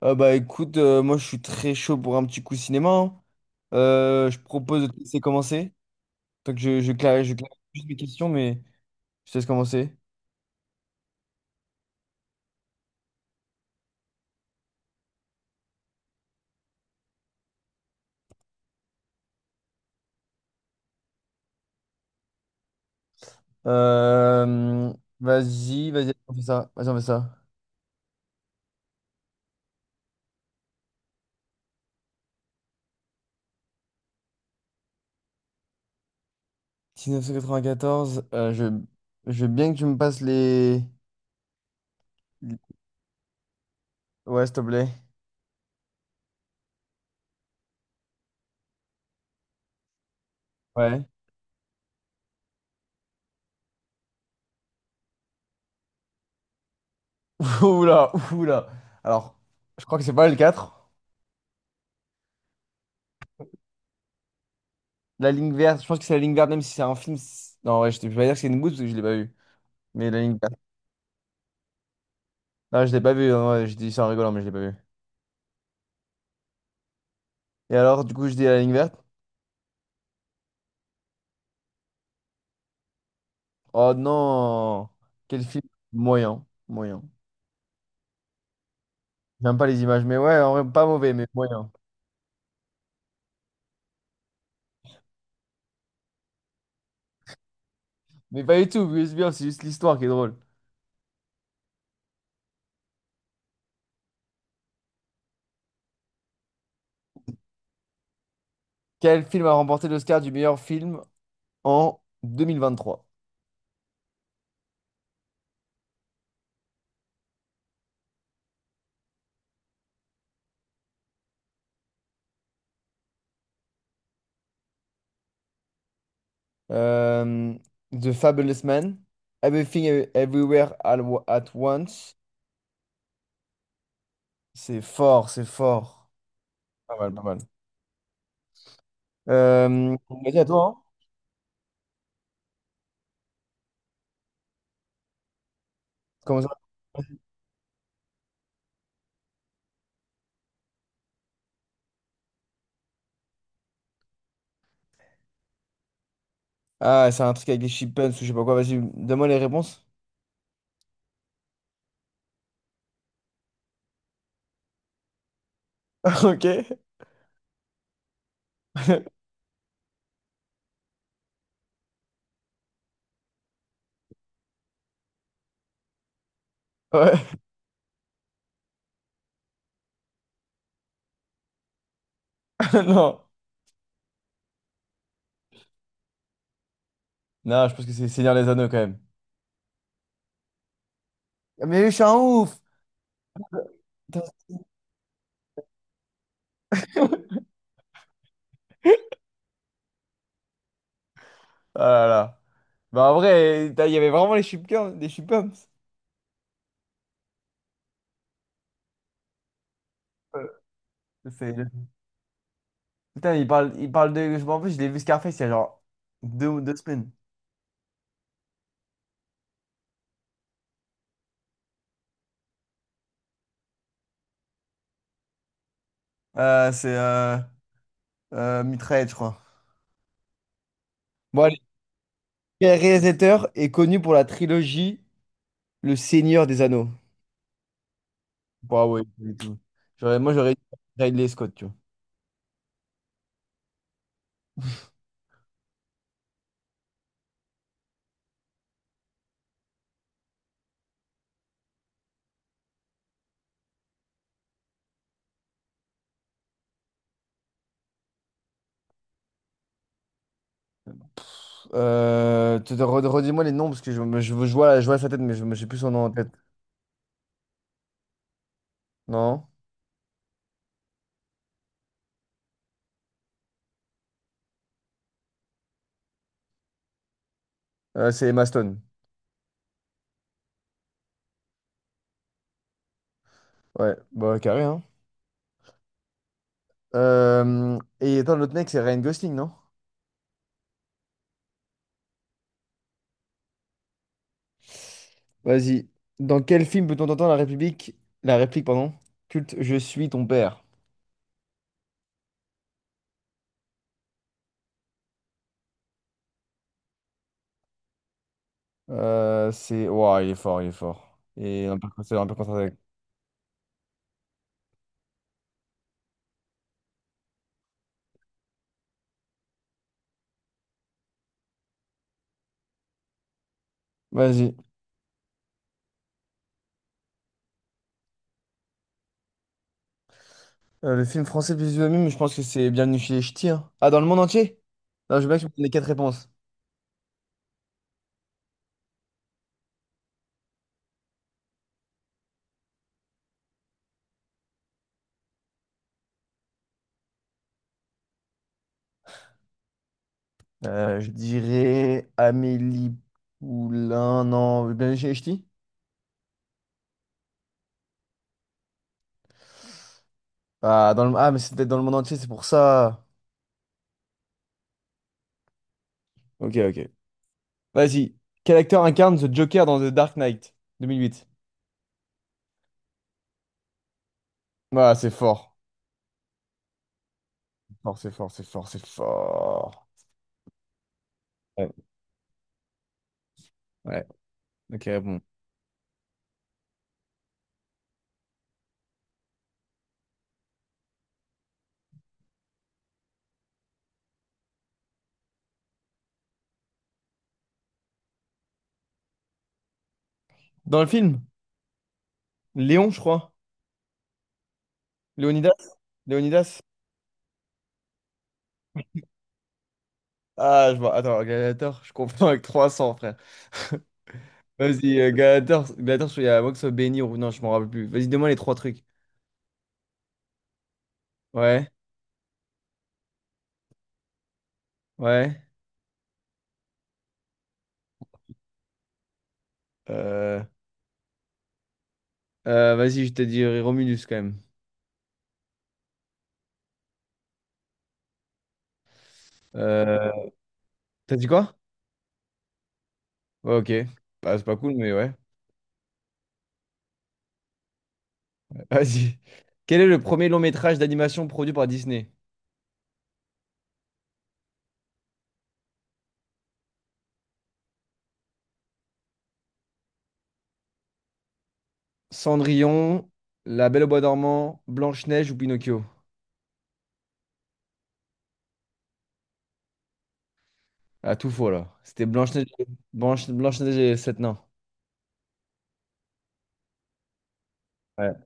Ah bah écoute, moi je suis très chaud pour un petit coup cinéma, hein. Je propose de te laisser commencer. Donc je clarifie, je clarifie juste mes questions, mais je te laisse commencer. Euh, vas-y, on fait ça. Vas-y, on fait ça. 1994, je veux bien que tu me passes les- Ouais, s'il te plaît. Ouais. Oula, oula. Alors, je crois que c'est pas le quatre. La ligne verte, je pense que c'est la ligne verte, même si c'est un film. C'est- Non, ouais, je ne vais pas dire que c'est une bouse parce que je l'ai pas vu. Mais la ligne verte. Non, je l'ai pas vu. Non, ouais, je dis ça en rigolant, mais je l'ai pas vu. Et alors, du coup, je dis la ligne verte. Oh non! Quel film moyen, moyen. J'aime pas les images, mais ouais, en vrai, pas mauvais, mais moyen. Mais pas du tout, mais c'est bien, c'est juste l'histoire qui est drôle. Quel film a remporté l'Oscar du meilleur film en 2023? Euh, The Fabulous Man, Everything Ev- Everywhere All Wa- at Once. C'est fort, c'est fort. Pas mal, pas mal. Vas-y, à toi, hein. Comment. Ah, c'est un truc avec des chipmunks ou je sais pas quoi. Vas-y, donne-moi les réponses. Ok. Ouais. Non. Non, je pense que c'est Seigneur des Anneaux quand même. Mais je suis un ouf. Putain. Ah là là. Bah en vrai, t'as- il y avait vraiment les chipmunks, des chipmunks. Euh, c'est- Putain, il parle de. Je m'en rappelle, je l'ai vu Scarface il y a genre deux semaines. C'est Mitraillette, je crois. Bon, allez. Quel réalisateur est connu pour la trilogie Le Seigneur des Anneaux? Bah ouais, du tout. Moi j'aurais dit Ridley Scott, tu vois. Tu te re- redis-moi les noms parce que je vois sa tête, mais je me j'ai plus son nom en tête. Non? C'est Emma Stone. Ouais, bah carré, hein. Et attends, l'autre mec, c'est Ryan Gosling, non? Vas-y. Dans quel film peut-on entendre la réplique, pardon, culte Je suis ton père? C'est. Ouah, il est fort, il est fort. Et un peu, c'est un peu contre attaque. Vas-y. Le film français le plus vu, mais je pense que c'est Bienvenue chez les Ch'tis, hein. Ah, dans le monde entier? Non, je veux bien que tu me donnes les quatre réponses. Je dirais Amélie Poulain. Non, Ben Ch'ti? Ah, dans le... ah, mais c'était dans le monde entier, c'est pour ça. Ok, ok. Vas-y. Quel acteur incarne The Joker dans The Dark Knight 2008? Ah, c'est fort. Fort, c'est fort, c'est fort, c'est fort. Ouais, ouais. Ok, bon. Dans le film, Léon, je crois. Léonidas? Léonidas? Ah, je vois. Attends, Gladiator, je confonds avec 300, frère. Vas-y, Gladiator, Gladiator, je crois y a à moins que ce soit béni ou... Non, je m'en rappelle plus. Vas-y, donne-moi les trois trucs. Ouais. Ouais. Euh, vas-y, je t'ai dit Romulus quand même. Euh, t'as dit quoi? Ouais, ok. Bah, c'est pas cool, mais ouais. Vas-y. Quel est le premier long métrage d'animation produit par Disney? Cendrillon, La Belle au Bois dormant, Blanche-Neige ou Pinocchio? Ah, tout faux là. C'était Blanche-Neige. Blanche-Neige et les Sept Nains. Ouais.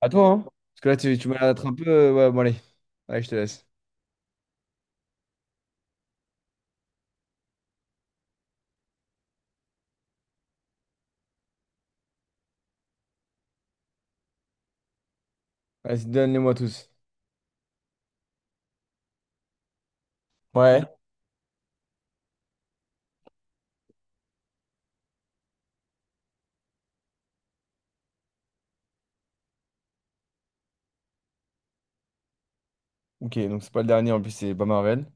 À toi, hein? Parce que là, tu me la un peu. Ouais, bon, allez. Allez, je te laisse. Vas-y, donne-les-moi tous. Ouais. Ok, donc c'est pas le dernier, en plus, c'est pas Marvel.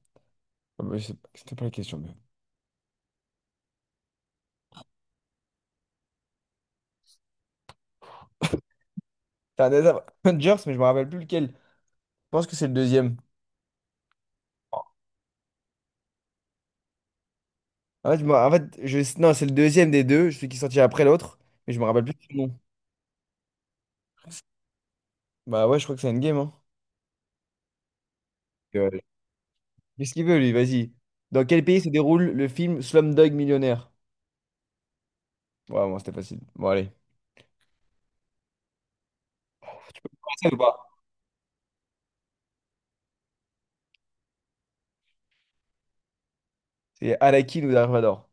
Ah, bah, je sais pas- C'était pas la question, mais. C'est un des Avengers, mais je me rappelle plus lequel. Je pense que c'est le deuxième. En fait, je me- en fait, je... non, c'est le deuxième des deux, celui qui est sorti après l'autre, mais je me rappelle plus du nom. Bah ouais, je crois que c'est Endgame, hein. Euh, qu'est-ce qu'il veut, lui? Vas-y. Dans quel pays se déroule le film Slumdog Millionnaire? Ouais, bon, c'était facile. Bon, allez. Français ou pas? C'est Anakin ou Dark Vador?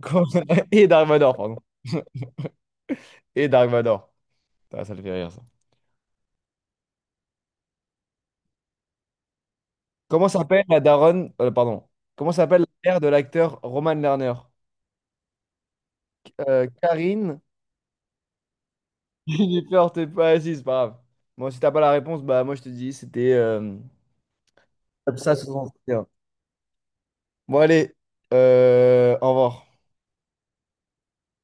Comment- Et Dark Vador, pardon. Et Dark Vador. Putain, ça, le fait rire, ça. Comment s'appelle la daronne... pardon. Comment s'appelle la mère de l'acteur Roman Lerner? Karine. J'ai peur, t'es pas assis, c'est pas grave. Bon, si t'as pas la réponse, bah moi je te dis, c'était Comme ça, 61. Bon, allez, au revoir.